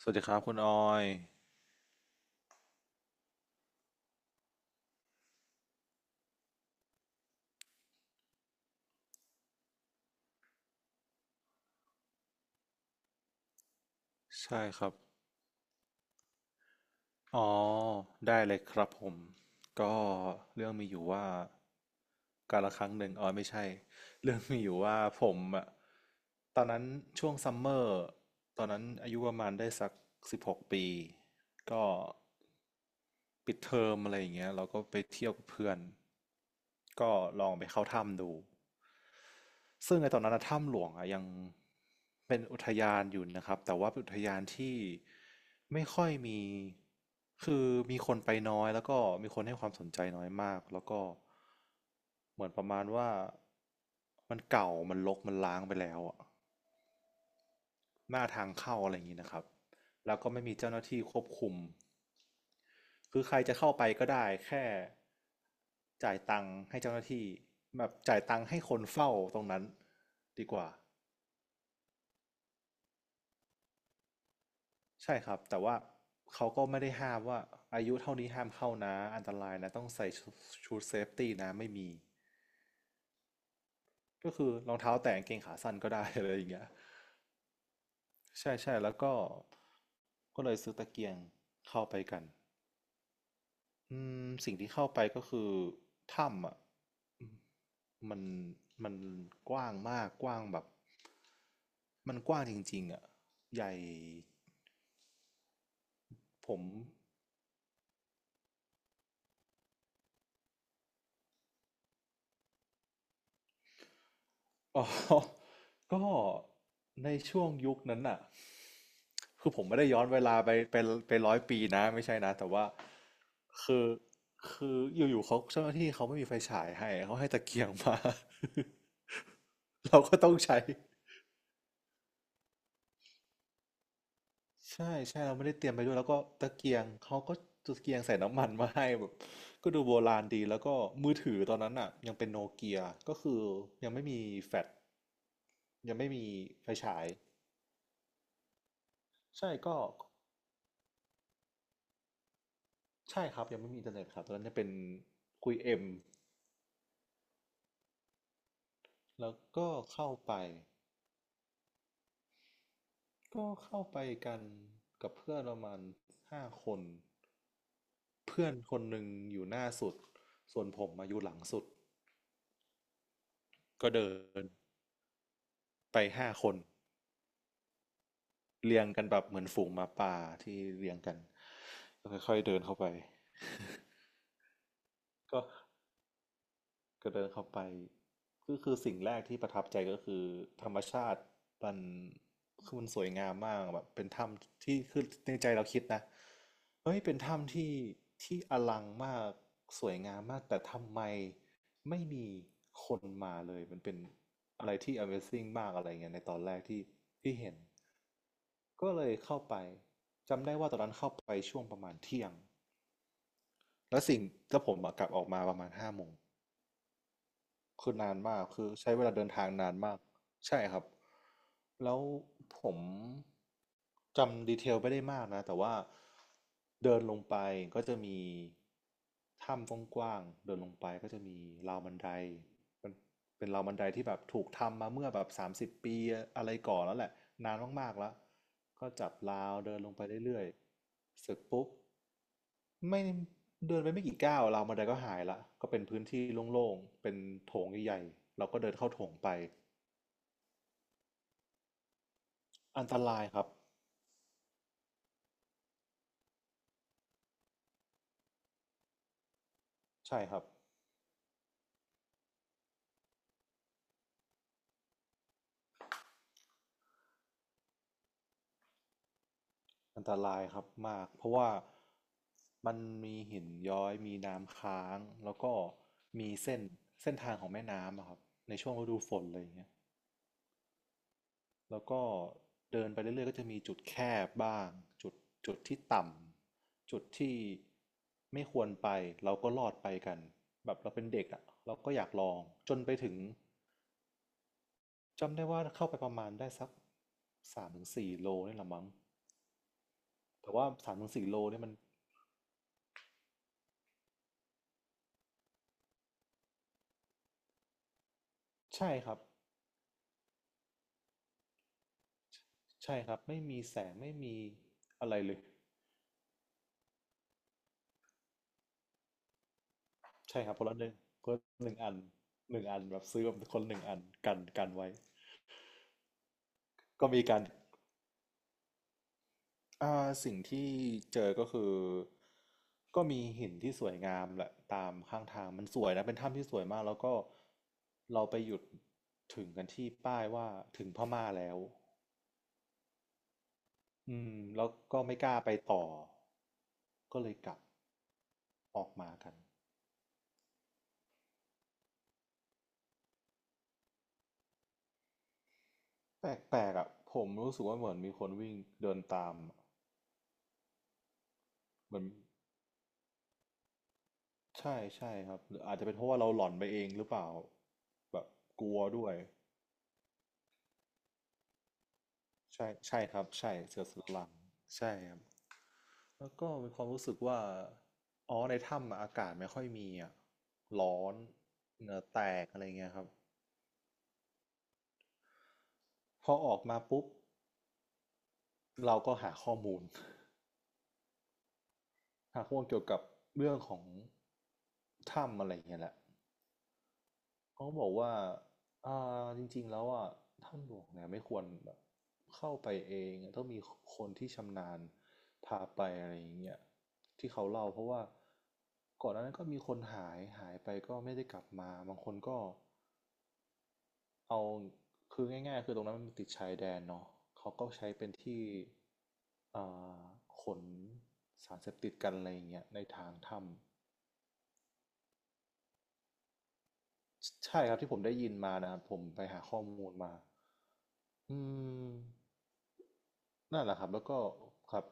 สวัสดีครับคุณออยใช่ครับอ๋อได้เลยครับผมก็เรื่องมีอยู่ว่ากาละครั้งหนึ่งอ๋อไม่ใช่เรื่องมีอยู่ว่าผมอะตอนนั้นช่วงซัมเมอร์ตอนนั้นอายุประมาณได้สัก16 ปีก็ปิดเทอมอะไรอย่างเงี้ยเราก็ไปเที่ยวกับเพื่อนก็ลองไปเข้าถ้ำดู ซึ่งไอ้ตอนนั้นนะถ้ำหลวงอะยังเป็นอุทยานอยู่นะครับแต่ว่าเป็นอุทยานที่ไม่ค่อยมีคือมีคนไปน้อยแล้วก็มีคนให้ความสนใจน้อยมากแล้วก็เหมือนประมาณว่ามันเก่ามันรกมันล้างไปแล้วอะหน้าทางเข้าอะไรอย่างนี้นะครับแล้วก็ไม่มีเจ้าหน้าที่ควบคุมคือใครจะเข้าไปก็ได้แค่จ่ายตังค์ให้เจ้าหน้าที่แบบจ่ายตังค์ให้คนเฝ้าตรงนั้นดีกว่า ใช่ครับแต่ว่าเขาก็ไม่ได้ห้ามว่าอายุเท่านี้ห้ามเข้านะอันตรายนะต้องใส่ชดเซฟตี้นะไม่มีก็คือรองเท้าแตะกางเกงขาสั้นก็ได้อะไรอย่างเงี้ยใช่ใช่แล้วก็ก็เลยซื้อตะเกียงเข้าไปกันอืมสิ่งที่เข้าไปก็คือถ้ำอ่ะอืมมันมันกว้างมากกว้างแบบมันกว้างจริงๆอ่ะใหญ่ผม อ๋อ ก็ในช่วงยุคนั้นน่ะคือผมไม่ได้ย้อนเวลาไปไป100 ปีนะไม่ใช่นะ แต่ว่าคือคืออยู่ๆเขาเจ้าหน้าที่เขาไม่มีไฟฉายให้เขาให้ตะเกียงมา เราก็ต้องใช้ใช่ใช่เราไม่ได้เตรียมไปด้วยแล้วก็ตะเกียงใส่น้ำมันมาให้แบบก็ดูโบราณดีแล้วก็มือถือตอนนั้นอ่ะยังเป็นโนเกียก็คือยังไม่มีแฟลชยังไม่มีไฟฉายใช่ก็ ใช่ครับยังไม่มีอินเทอร์เน็ตครับตอนนั้นจะเป็นคุยเอ็มแล้วก็เข้าไปก็เข้าไปกันกับเพื่อนประมาณห้าคนเพื่อนคนหนึ่งอยู่หน้าสุดส่วนผมมาอยู่หลังสุดก็เดินไปห้าคนเรียงกันแบบเหมือนฝูงหมาป่าที่เรียงกันก็ค่อยๆเดินเข้าไปก็ ก็เดินเข้าไปก็คือสิ่งแรกที่ประทับใจก็คือธรรมชาติมันคือมันสวยงามมากแบบเป็นถ้ำที่คือในใจเราคิดนะเฮ้ยเป็นถ้ำที่อลังมากสวยงามมากแต่ทำไมไม่มีคนมาเลยมันเป็นอะไรที่ Amazing มากอะไรเงี้ยในตอนแรกที่เห็นก็เลยเข้าไปจำได้ว่าตอนนั้นเข้าไปช่วงประมาณเที่ยงแล้วสิ่งแล้วผมอะกลับออกมาประมาณ5 โมง คือนานมากคือใช้เวลาเดินทางนานมากใช่ครับแล้วผมจำดีเทลไม่ได้มากนะแต่ว่าเดินลงไปก็จะมีถ้ำกว้างๆเดินลงไปก็จะมีราวบันไดั เป็นราวบันไดที่แบบถูกทำมาเมื่อแบบ30 ปีอะไรก่อนแล้วแหละนานมากๆแล้วก็จับราวเดินลงไปเรื่อยๆเสร็จปุ๊บไม่เดินไปไม่กี่ก้าวราวบันไดก็หายละก็เป็นพื้นที่โล่งๆเป็นโถงใหญ่ๆเราก็เดินเข้าโถงไปอันตรายครับใช่ครับอันตรายครับมากเพราะว่ามันมีหินย้อยมีน้ำค้างแล้วก็มีเส้นเส้นทางของแม่น้ำอะครับในช่วงฤดูฝนอะไรอย่างเงี้ย แล้วก็เดินไปเรื่อยๆก็จะมีจุดแคบบ้างจุดจุดที่ต่ำจุดที่ไม่ควรไปเราก็รอดไปกันแบบเราเป็นเด็กอ่ะเราก็อยากลองจนไปถึงจำได้ว่าเข้าไปประมาณได้สักสามถึงสี่โลนี่แหละมั้งแต่ว่าสามถึงสี่โลนี่มันใช่ครับใช่ครับไม่มีแสงไม่มีอะไรเลยใช่ครับคนละหนึ่งอันหนึ่งอันแบบซื้อแบบคนหนึ่งอันกันไว้ก็มีการ อ่าสิ่งที่เจอก็คือก็มีหินที่สวยงามแหละตามข้างทางมันสวยนะเป็นถ้ำที่สวยมากแล้วก็เราไปหยุดถึงกันที่ป้ายว่าถึงพม่าแล้วอืมแล้วก็ไม่กล้าไปต่อก็เลยกลับออกมากันแปลกๆอ่ะผมรู้สึกว่าเหมือนมีคนวิ่งเดินตามอะเหมือนใช่ใช่ครับหรืออาจจะเป็นเพราะว่าเราหลอนไปเองหรือเปล่าแบบกลัวด้วยใช่ใช่ครับใช่เสือสลังใช่ครับ แล้วก็มีความรู้สึกว่าอ๋อในถ้ำอะอากาศไม่ค่อยมีอ่ะร้อนเหงื่อแตกอะไรเงี้ยครับพอออกมาปุ๊บเราก็หาข้อมูล หาข้อมูลเกี่ยวกับเรื่องของถ้ำอะไรเงี้ยแหละเขาบอกว่าอ่า จริงๆ แล้วอ่ะถ้ำหลวงเนี่ยไม่ควรแบบเข้าไปเองต้องมีคนที่ชำนาญพาไปอะไรอย่างเงี้ยที่เขาเล่าเพราะว่าก่อนหน้านั้นก็มีคนหายไปก็ไม่ได้กลับมาบางคนก็ เอาคือง่ายๆคือตรงนั้นมันติดชายแดนเนาะเขาก็ใช้เป็นที่อ่าขนสารเสพติดกันอะไรอย่างเงี้ยในทางถ้ำใช่ครับที่ผมได้ยินมานะครับผมไปหาข้อมูลมาอืมนั่นแหละครับแล้วก็ครับ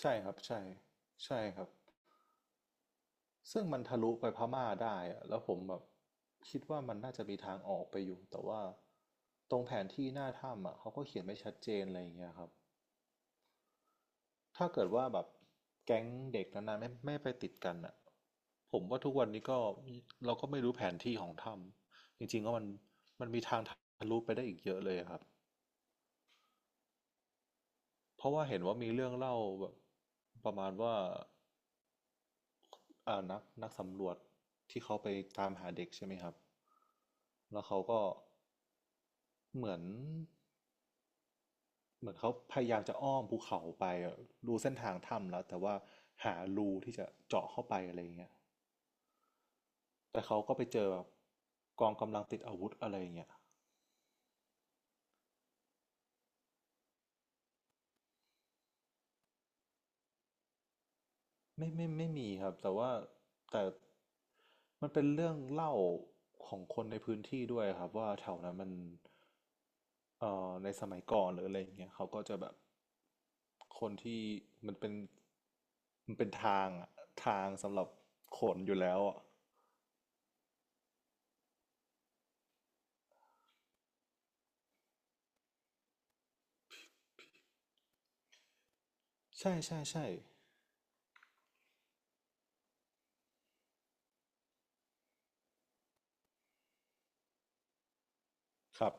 ใช่ครับใช่ใช่ครับซึ่งมันทะลุไปพม่าได้อะแล้วผมแบบคิดว่ามันน่าจะมีทางออกไปอยู่แต่ว่าตรงแผนที่หน้าถ้ำอ่ะเขาก็เขียนไม่ชัดเจนอะไรอย่างเงี้ยครับ ถ้าเกิดว่าแบบแก๊งเด็กนานๆไม่ไปติดกันอ่ะผมว่าทุกวันนี้ก็เราก็ไม่รู้แผนที่ของถ้ำจริงๆก็มันมีทางทะลุไปได้อีกเยอะเลยอะครับเพราะว่าเห็นว่ามีเรื่องเล่าแบบประมาณว่านักสำรวจที่เขาไปตามหาเด็กใช่ไหมครับแล้วเขาก็เหมือนเขาพยายามจะอ้อมภูเขาไปอะดูเส้นทางถ้ำแล้วแต่ว่าหารูที่จะเจาะเข้าไปอะไรอย่างเงี้ย แต่เขาก็ไปเจอแบบกองกำลังติดอาวุธอะไรอย่างเงี้ยไม่มีครับแต่ว่าแต่มันเป็นเรื่องเล่าของคนในพื้นที่ด้วยครับว่าแถวนั้นมันในสมัยก่อนหรืออะไรอย่างเงี้ยเขาก็จะแบบคนที่มันเป็นมันเป็นทางอะทางสำหรับขนอยู่แล้วอ่ะใช่ใช่ใช่ครับ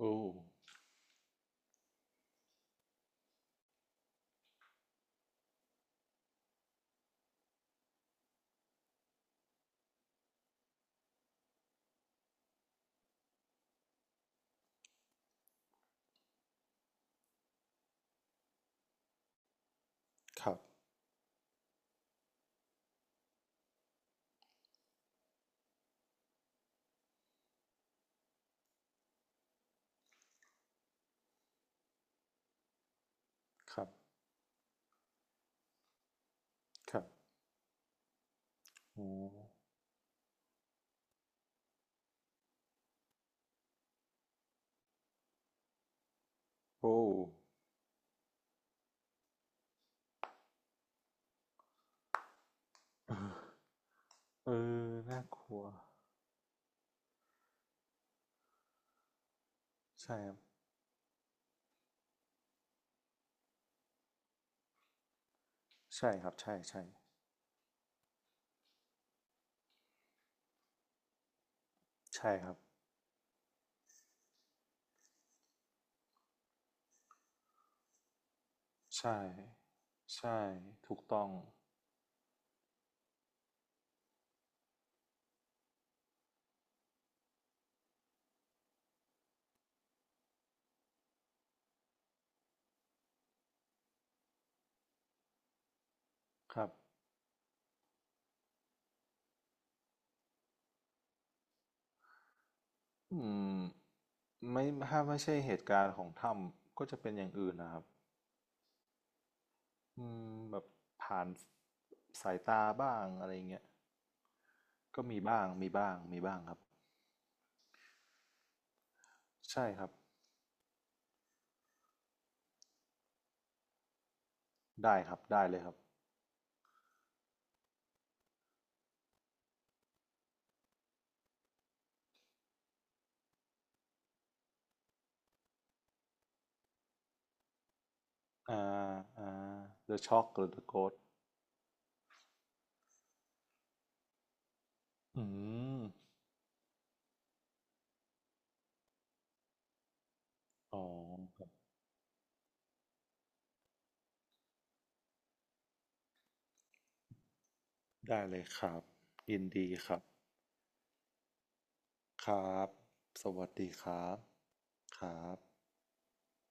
โอ้ครับครับครับโอ้โอ้เออน่ากลัว ใช่ครับใช่ครับ ใช่ใช่ใช่ครับใช่ใช่ถูกต้อง ครับอืมไม่ถ้าไม่ใช่เหตุการณ์ของถ้ำก็จะเป็นอย่างอื่นนะครับอืมแบบผ่านสายตาบ้างอะไรเงี้ยก็มีบ้าง มีบ้าง มีบ้างครับใช่ครับ ได้ครับ ได้เลยครับอ่อ่า The Shock หรือ The Ghost อืมอ๋อครับได้เลยครับยินดีครับ ครับ สวัสดีครับ ครับ